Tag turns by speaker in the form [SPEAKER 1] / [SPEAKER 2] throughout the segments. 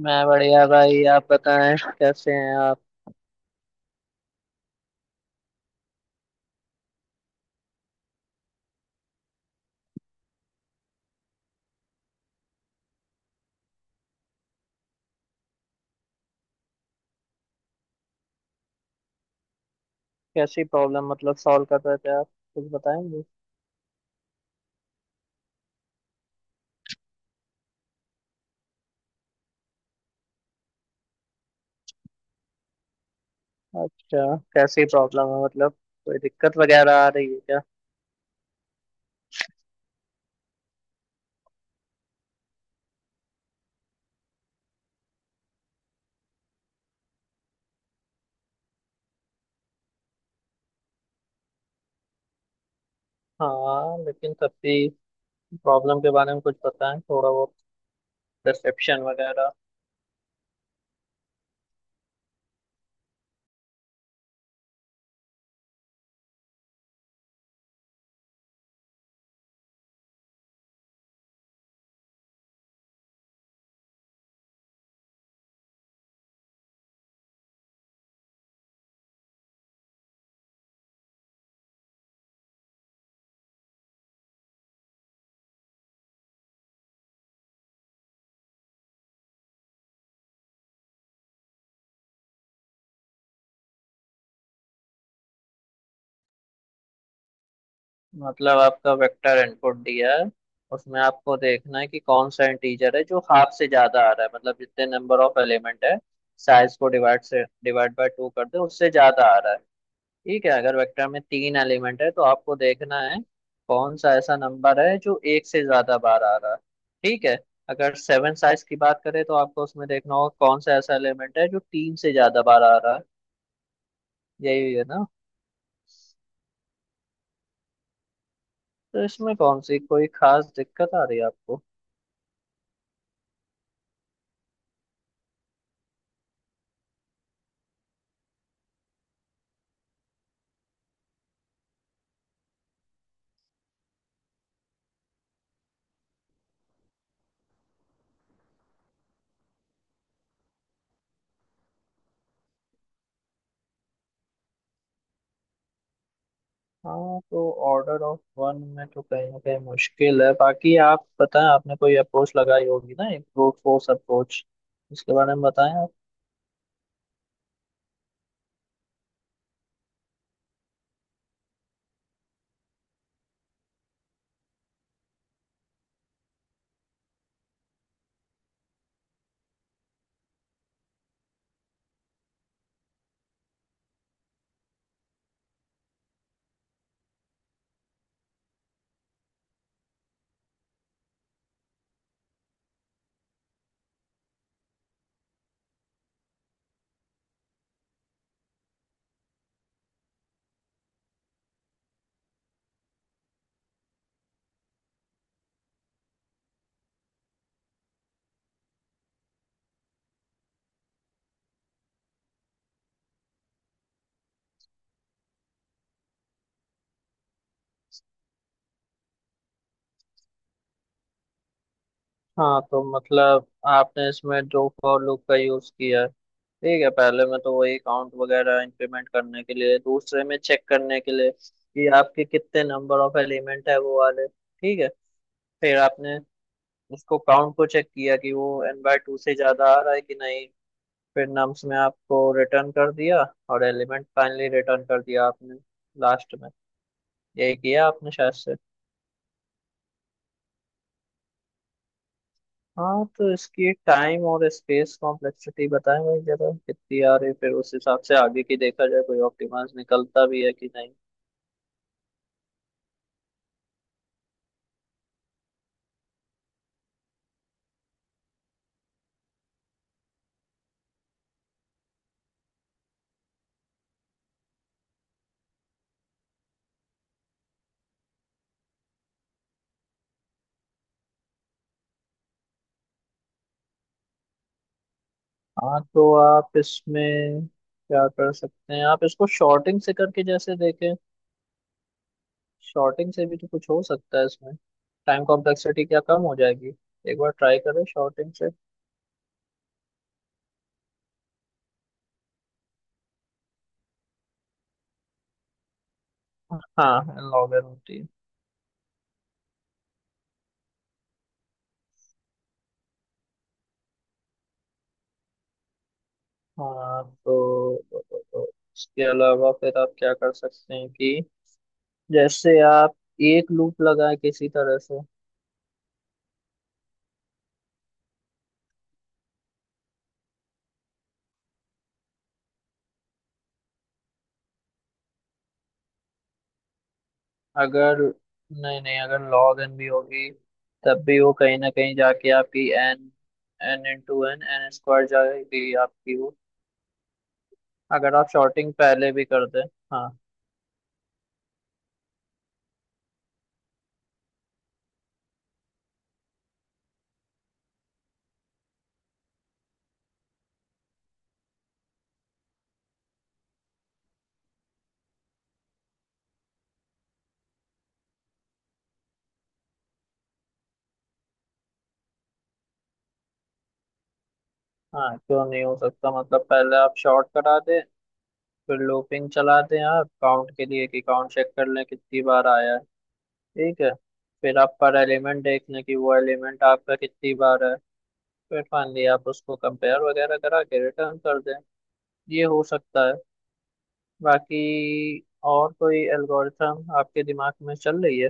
[SPEAKER 1] मैं बढ़िया भाई। आप बताएं कैसे हैं आप। कैसी प्रॉब्लम मतलब सॉल्व कर रहे थे आप? कुछ बताएंगे। अच्छा, कैसी प्रॉब्लम है मतलब? कोई दिक्कत वगैरह आ रही है क्या? हाँ, लेकिन तब भी प्रॉब्लम के बारे में कुछ बताएं थोड़ा बहुत, परसेप्शन वगैरह। मतलब आपका वेक्टर इनपुट दिया है, उसमें आपको देखना है कि कौन सा इंटीजर है जो हाफ से ज्यादा आ रहा है। मतलब जितने नंबर ऑफ एलिमेंट है, साइज को डिवाइड से डिवाइड बाय टू कर दें, उससे ज्यादा आ रहा है। ठीक है, अगर वेक्टर में तीन एलिमेंट है तो आपको देखना है कौन सा ऐसा नंबर है जो एक से ज्यादा बार आ रहा है। ठीक है, अगर सेवन साइज की बात करें तो आपको उसमें देखना होगा कौन सा ऐसा एलिमेंट है जो तीन से ज्यादा बार आ रहा है। यही है ना? तो इसमें कौन सी कोई खास दिक्कत आ रही है आपको? हाँ, तो ऑर्डर ऑफ वन में तो कहीं ना कहीं मुश्किल है। बाकी आप बताएं, आपने कोई अप्रोच लगाई होगी ना, एक ब्रूट फोर्स अप्रोच, उसके बारे में बताएं आप। हाँ, तो मतलब आपने इसमें जो फॉर लूप का यूज किया है, ठीक है, पहले में तो वही काउंट वगैरह इंप्लीमेंट करने के लिए, दूसरे में चेक करने के लिए कि आपके कितने नंबर ऑफ एलिमेंट है वो वाले। ठीक है, फिर आपने उसको काउंट को चेक किया कि वो एन बाय टू से ज्यादा आ रहा है कि नहीं, फिर नम्स में आपको रिटर्न कर दिया और एलिमेंट फाइनली रिटर्न कर दिया आपने लास्ट में। यही किया आपने शायद से। हाँ, तो इसकी टाइम और स्पेस कॉम्प्लेक्सिटी बताएं भाई जरा, कितनी आ रही, फिर उस हिसाब से आगे की देखा जाए कोई ऑप्टिमाइज निकलता भी है कि नहीं। हाँ, तो आप इसमें क्या कर सकते हैं, आप इसको शॉर्टिंग से करके जैसे देखें। शॉर्टिंग से भी तो कुछ हो सकता है इसमें, टाइम कॉम्प्लेक्सिटी क्या कम हो जाएगी? एक बार ट्राई करें शॉर्टिंग से। हाँ, लॉगर होती है। हाँ, तो इसके अलावा फिर आप क्या कर सकते हैं कि जैसे आप एक लूप लगाए किसी तरह से। अगर, नहीं नहीं, अगर लॉग एन भी होगी तब भी वो कहीं ना कहीं जाके आपकी N N into N N square जाएगी आपकी वो। अगर आप शॉर्टिंग पहले भी कर दें। हाँ। हाँ, क्यों नहीं हो सकता, मतलब पहले आप शॉर्ट करा दें, फिर लूपिंग चला दें आप काउंट के लिए कि काउंट चेक कर लें कितनी बार आया है। ठीक है, फिर आप पर एलिमेंट देख लें कि वो एलिमेंट आपका कितनी बार है, फिर मान लिया आप उसको कंपेयर वगैरह करा के रिटर्न कर दें, ये हो सकता है। बाकी और कोई एल्गोरिथम आपके दिमाग में चल रही है?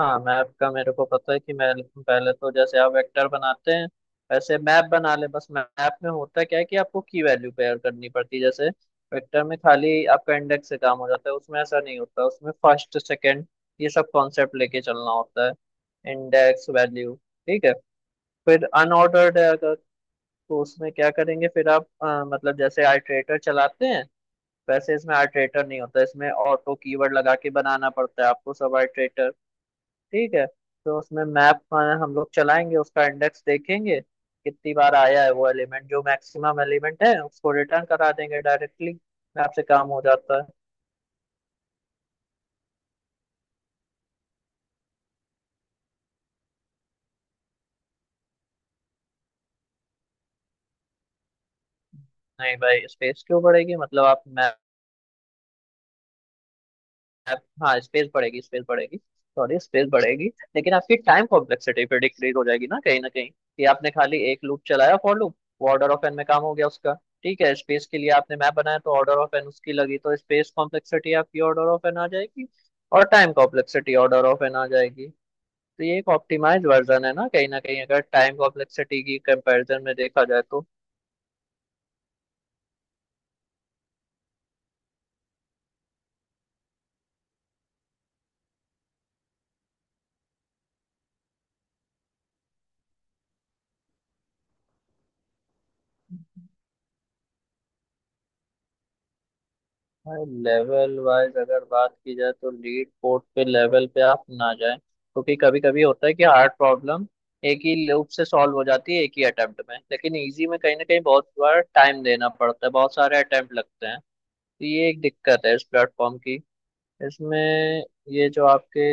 [SPEAKER 1] हाँ, मैप का मेरे को पता है कि मैं, पहले तो जैसे आप वेक्टर बनाते हैं ऐसे मैप बना ले। बस मैप में होता क्या है कि आपको की वैल्यू पेयर करनी पड़ती है, जैसे वेक्टर में खाली आपका इंडेक्स से काम हो जाता है, उसमें ऐसा नहीं होता, उसमें फर्स्ट सेकंड ये सब कॉन्सेप्ट लेके चलना होता है, इंडेक्स वैल्यू। ठीक है, फिर अनऑर्डर्ड है अगर, तो उसमें क्या करेंगे फिर आप, मतलब जैसे आइटरेटर चलाते हैं वैसे इसमें आइटरेटर नहीं होता, इसमें ऑटो कीवर्ड लगा के बनाना पड़ता है आपको सब आइटरेटर। ठीक है, तो उसमें मैप हम लोग चलाएंगे, उसका इंडेक्स देखेंगे कितनी बार आया है वो एलिमेंट, जो मैक्सिमम एलिमेंट है उसको रिटर्न करा देंगे डायरेक्टली, मैप से काम हो जाता है। नहीं भाई, स्पेस क्यों बढ़ेगी, मतलब आप मैप, हाँ स्पेस बढ़ेगी, सॉरी स्पेस बढ़ेगी। लेकिन आपकी टाइम कॉम्प्लेक्सिटी फिर डिक्रीज हो जाएगी ना कहीं कि आपने खाली एक लूप चलाया फॉर लूप, वो ऑर्डर ऑफ एन में काम हो गया उसका। ठीक है, स्पेस के लिए आपने मैप बनाया तो ऑर्डर ऑफ एन उसकी लगी, तो स्पेस कॉम्प्लेक्सिटी आपकी ऑर्डर ऑफ एन आ जाएगी और time complexity order of N आ जाएगी। तो ये एक ऑप्टिमाइज वर्जन है ना कहीं ना कहीं, अगर टाइम कॉम्प्लेक्सिटी की कंपैरिजन में देखा जाए तो। लेवल वाइज अगर बात की जाए तो लीड पोर्ट पे लेवल पे आप ना जाएं, क्योंकि कभी कभी होता है कि हार्ड प्रॉब्लम एक ही लूप से सॉल्व हो जाती है एक ही अटेम्प्ट में, लेकिन इजी में कहीं ना कहीं बहुत बार टाइम देना पड़ता है, बहुत सारे अटेम्प्ट लगते हैं। तो ये एक दिक्कत है इस प्लेटफॉर्म की, इसमें ये जो आपके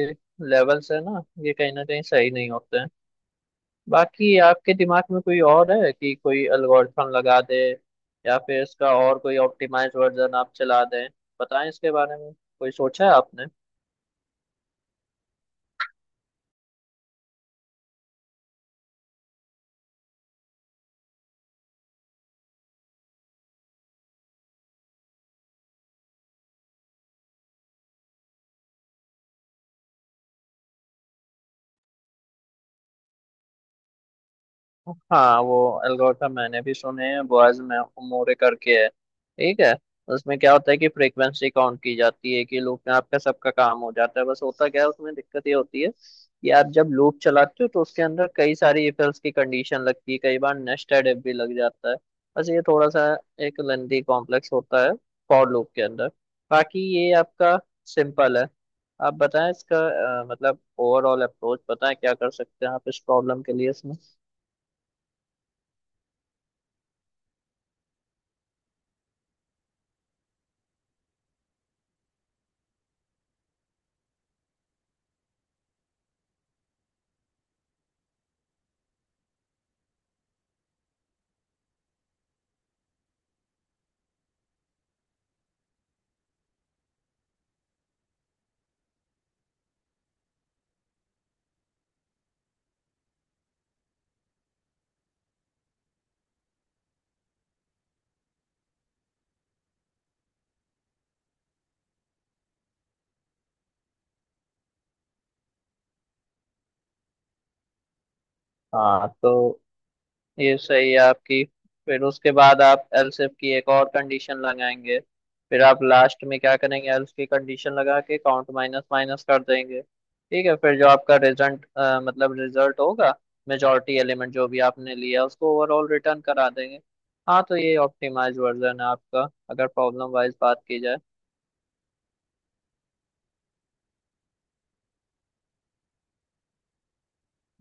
[SPEAKER 1] लेवल्स है ना, ये कहीं ना कहीं सही नहीं होते हैं। बाकी आपके दिमाग में कोई और है कि कोई एल्गोरिथम लगा दे, या फिर इसका और कोई ऑप्टिमाइज वर्जन आप चला दें, बताएं इसके बारे में। कोई सोचा है आपने? हाँ, वो एल्गोरिथम मैंने भी सुने हैं, बॉयज में उमूरे करके है, ठीक है। उसमें क्या होता है कि फ्रीक्वेंसी काउंट की जाती है, कि लूप में आपका सबका काम हो जाता है। बस होता क्या है उसमें दिक्कत ये होती है कि आप जब लूप चलाते हो तो उसके अंदर कई सारी इफ एल्स की कंडीशन लगती है, कई बार नेस्टेड इफ भी लग जाता है। बस ये थोड़ा सा एक लेंथी कॉम्प्लेक्स होता है फॉर लूप के अंदर। बाकी ये आपका सिंपल है, आप बताएं इसका मतलब ओवरऑल अप्रोच बताएं, क्या कर सकते हैं आप इस प्रॉब्लम के लिए इसमें। हाँ, तो ये सही है आपकी। फिर उसके बाद आप एलसीफ की एक और कंडीशन लगाएंगे, फिर आप लास्ट में क्या करेंगे, एल्स की कंडीशन लगा के काउंट माइनस माइनस कर देंगे। ठीक है, फिर जो आपका रिजल्ट, मतलब रिजल्ट होगा, मेजॉरिटी एलिमेंट जो भी आपने लिया उसको ओवरऑल रिटर्न करा देंगे। हाँ तो ये ऑप्टिमाइज वर्जन है आपका अगर प्रॉब्लम वाइज बात की जाए।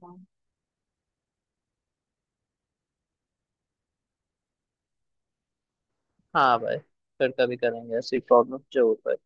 [SPEAKER 1] हाँ। हाँ भाई, फिर कभी करेंगे ऐसी प्रॉब्लम जरूर भाई।